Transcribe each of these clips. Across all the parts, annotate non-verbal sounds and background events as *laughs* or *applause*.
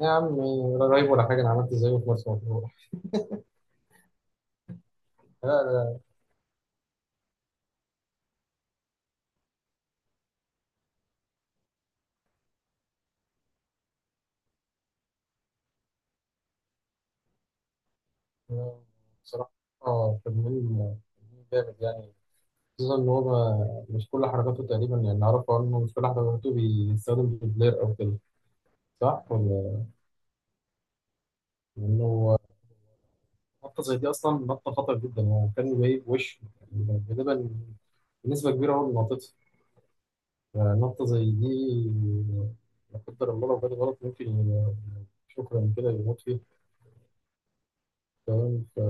يا عم، ولا رهيب ولا حاجة، أنا عملت زيه في مرسى مطروح. لا لا لا، بصراحة تمرين تمرين جامد يعني. خصوصا إن هو مش كل حركاته تقريبا، يعني أعرفه إنه مش كل حركاته بيستخدم دوبلير أو كده، صح ولا؟ إنه نطة زي دي أصلا نطة خطر جدا، هو كان جايب وش يعني، غالبا بنسبة كبيرة هو اللي نطتها. نطة زي دي لا قدر الله لو جت غلط ممكن ي- شكرا كده يموت فيها، فاهم؟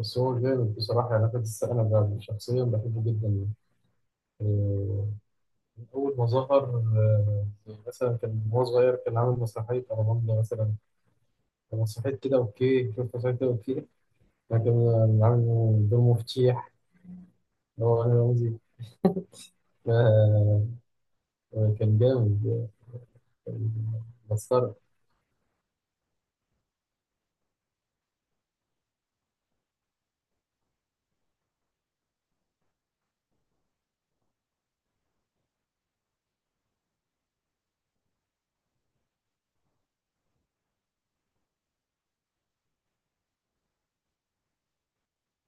بس هو جامد بصراحة يعني، أنا بس أنا شخصيا بحبه جدا. آه، من أول ما ظهر. آه، مثلا كان وهو صغير كان عامل مسرحية أرمندا مثلا، كان مسرحية كده أوكي، شوف مسرحية كده أوكي، لكن عامل دور مفتيح اللي هو أنا رمزي. آه، كان جامد. آه، كان مسخرة.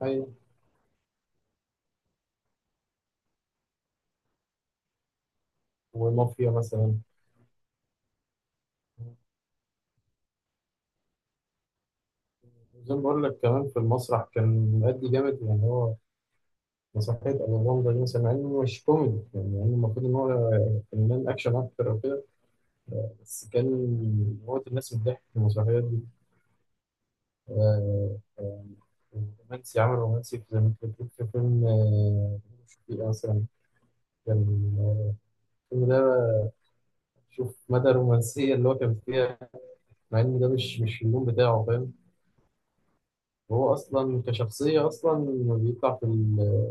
أيوة، ومافيا مثلا. زي ما بقول لك، كمان في المسرح كان مأدي جامد يعني. هو مسرحية أبو بلطة دي مثلا، مع إنه مش كوميدي يعني المفروض إن هو فنان أكشن أكتر أو كده، بس كان موت الناس من الضحك في المسرحيات دي. آه، آه، رومانسي. عمل رومانسي، في زي ما أنت بتقول في فيلم، آه، شفيق مثلا. كان، آه، الفيلم ده، شوف مدى الرومانسية اللي هو كان فيها، مع إن ده مش اللون بتاعه، فاهم. هو أصلا كشخصية أصلا لما بيطلع في ال-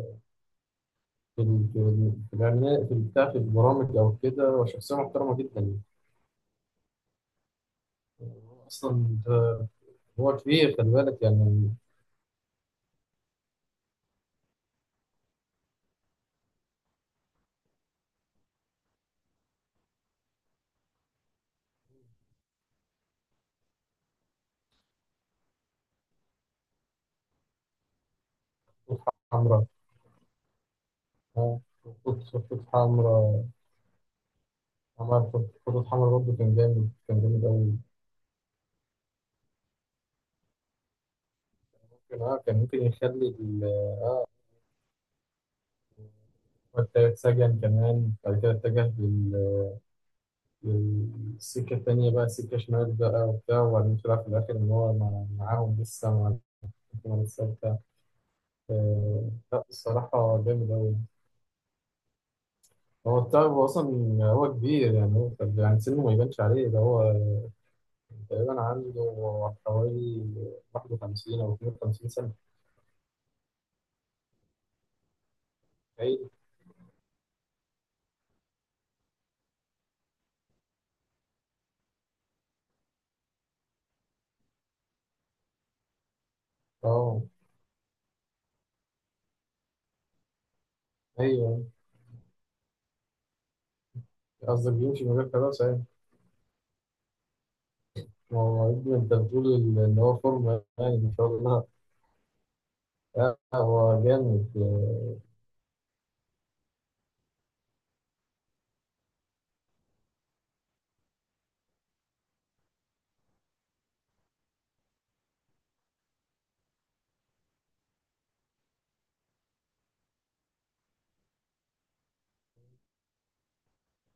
في ال- في ال- في الإعلانات، في البتاع، في البرامج أو كده، هو شخصية محترمة جدا أصلا ده. هو كبير، خلي بالك يعني. خطوط حمراء. آه، خطوط حمراء. عمل خطوط حمراء، برضه كان جامد، كان جامد أوي. ممكن آه، كان ممكن يخلي وقتها اتسجن، كمان بعد كده اتجه للسكة التانية بقى، سكة شمال بقى وبتاع، وبعدين طلع في الآخر إن هو معاهم لسه مع الحكومة الثابتة. آه، لا الصراحة جامد أوي. هو بتاع، هو أصلا هو كبير يعني، هو يعني سنه ما يبانش عليه. ده هو تقريبا عنده حوالي 51 أو 52 سنة. أيوة. أه. أيوه، قصدك بيمشي من غير كراسة يعني؟ ما هو يا ابني أنت بتقول إن هو فورمة يعني، ما شاء الله. لا هو جامد. آه،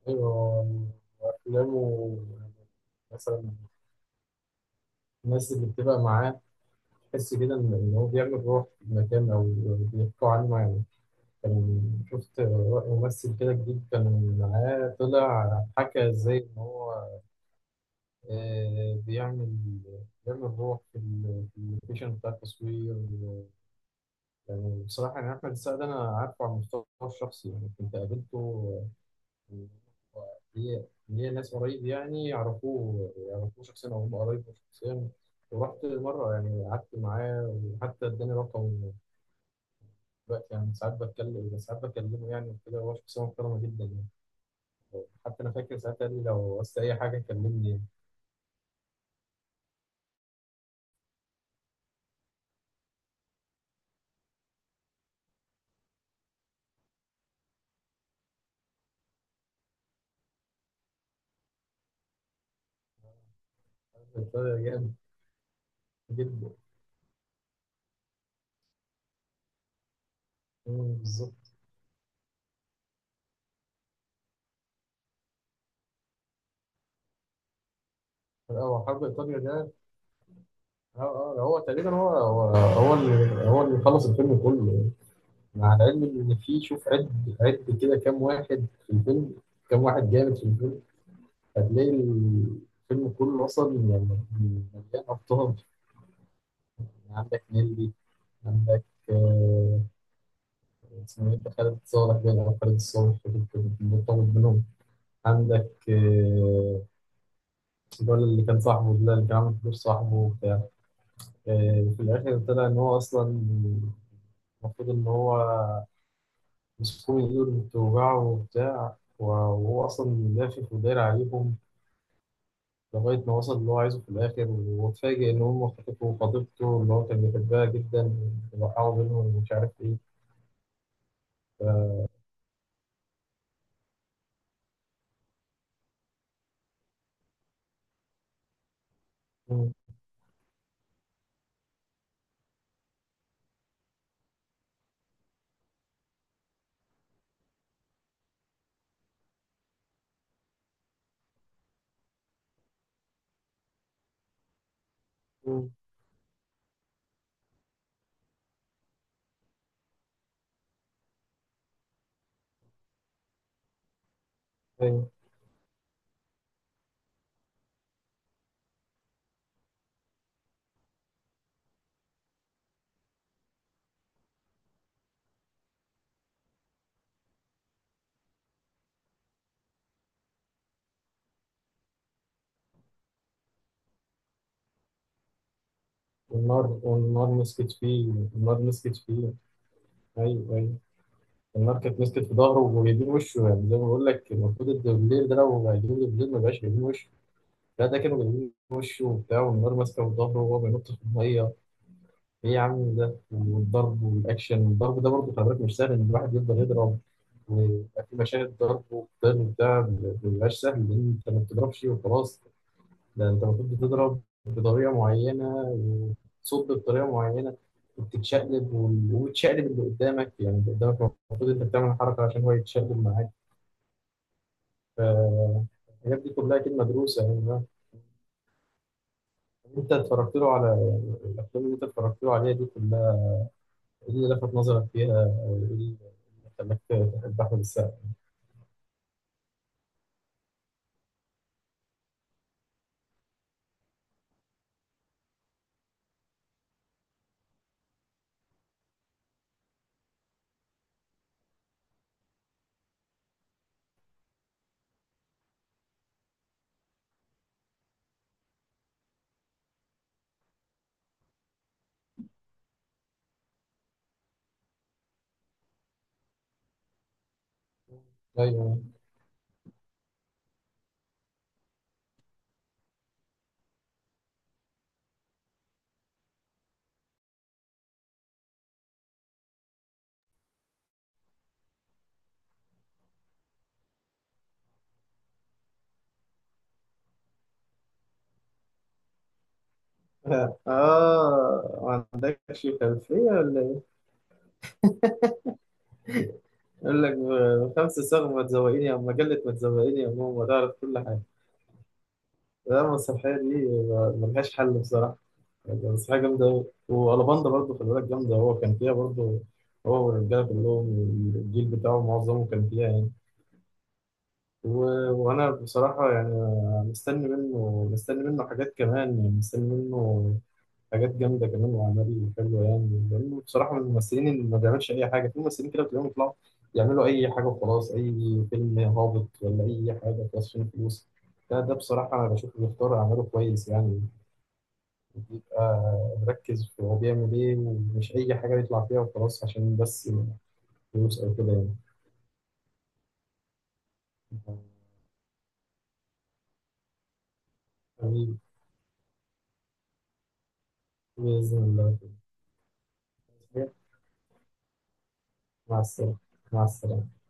أيوه، وأفلامه مثلا، الناس اللي بتبقى معاه تحس كده إن إن هو بيعمل روح في المكان، أو بيحكوا عنه يعني. كان شفت ممثل كده جديد كان معاه، طلع حكى إزاي إن هو، آه، بيعمل روح في في اللوكيشن بتاع التصوير يعني. بصراحة يعني أحمد السقا أنا عارفه على المستوى الشخصي يعني، كنت قابلته. آه، ليا ناس قريب يعني، يعرفوه يعرفوه شخصيا، أو هم قرايبه شخصيا. ورحت مرة يعني، قعدت معاه وحتى اداني رقمه. دلوقتي يعني ساعات بتكلم، ساعات بكلمه يعني وكده. هو شخصية محترمة جدا يعني، حتى أنا فاكر ساعات قال لي لو عايز أي حاجة كلمني يعني. *laughs* جامد جدا. مم، بالظبط. هو حرب ايطاليا ده، اه، اه، هو تقريبا هو اللي، هو اللي خلص الفيلم كله. مع العلم ان في، شوف عد عد كده كام واحد في الفيلم، كام واحد جامد في الفيلم، هتلاقي الفيلم كله اصلا يعني مليان ابطال. يعني عندك نيلي، عندك، آه، اسمه ايه ده؟ خالد صالح، باين او خالد الصالح كنت مرتبط بينهم. عندك، آه، الولد اللي كان صاحبه ده، اللي كان عامل فلوس صاحبه وبتاع، آه، في الآخر طلع إن هو أصلا، المفروض إن هو مسكوه من إيده بتوجعه وبتاع، وهو أصلا لافف وداير عليهم لغاية ما وصل اللي هو عايزه في الآخر، واتفاجئ إن هم خطفوا خطيبته اللي هو كان بيحبها جدا، وقعوا بينهم ومش عارف إيه. ف... مم، مم، أيوه. والنار، والنار مسكت فيه، النار مسكت فيه. أيوه أيوه. النار كانت مسكت في ظهره وجايبين وشه، يعني زي ما بقول لك، المفروض الدبلير ده لو هيجيبوا دبلير ما بقاش جايبين وشه. لا ده كانوا جايبين وشه وبتاع، والنار ماسكه في ظهره وهو بينط في الميه. ايه يا عم ده، والضرب والاكشن والضرب ده برضه خلي بالك مش سهل، ان الواحد يفضل يضرب ويبقى في مشاهد ضرب وقتال وبتاع، ما بيبقاش سهل، لان انت ما بتضربش وخلاص. ده انت المفروض بتضرب بطريقه معينه، وتصد بطريقه معينه، وبتتشقلب وتشقلب اللي قدامك، يعني اللي قدامك المفروض انت بتعمل حركه عشان هو يتشقلب معاك. فالحاجات دي كلها كده مدروسه يعني. انت اتفرجت له على الافلام اللي انت اتفرجت له عليها دي كلها، ايه اللي لفت نظرك فيها، او ايه اللي خلاك تحب احمد السقا؟ ايوه. *laughs* اه، ما عندكش خلفيه ولا ايه؟ يقول لك بخمس صاغ ما تزوقيني، او مجله ما تزوقيني يا ماما، تعرف كل حاجه. لا المسرحيه دي ملهاش حل بصراحه، المسرحيه جامده أوي. والباندا برضه خلي بالك جامده، هو كان فيها برضه، هو والرجاله كلهم، الجيل بتاعه معظمه كان فيها يعني. وانا بصراحه يعني مستني منه حاجات كمان، يعني مستني منه حاجات جامده كمان واعمال حلوه يعني، لانه بصراحه من الممثلين اللي ما بيعملش اي حاجه. في ممثلين كده بتلاقيهم يطلعوا يعملوا اي حاجه وخلاص، اي فيلم هابط ولا اي حاجه خلاص، فين فلوس. ده بصراحه انا بشوفه بيختار اعماله كويس يعني، بيبقى مركز في هو بيعمل ايه، ومش اي حاجه يطلع فيها وخلاص عشان بس فلوس او كده يعني. آمين، بإذن الله. مع السلامة، مع السلامة.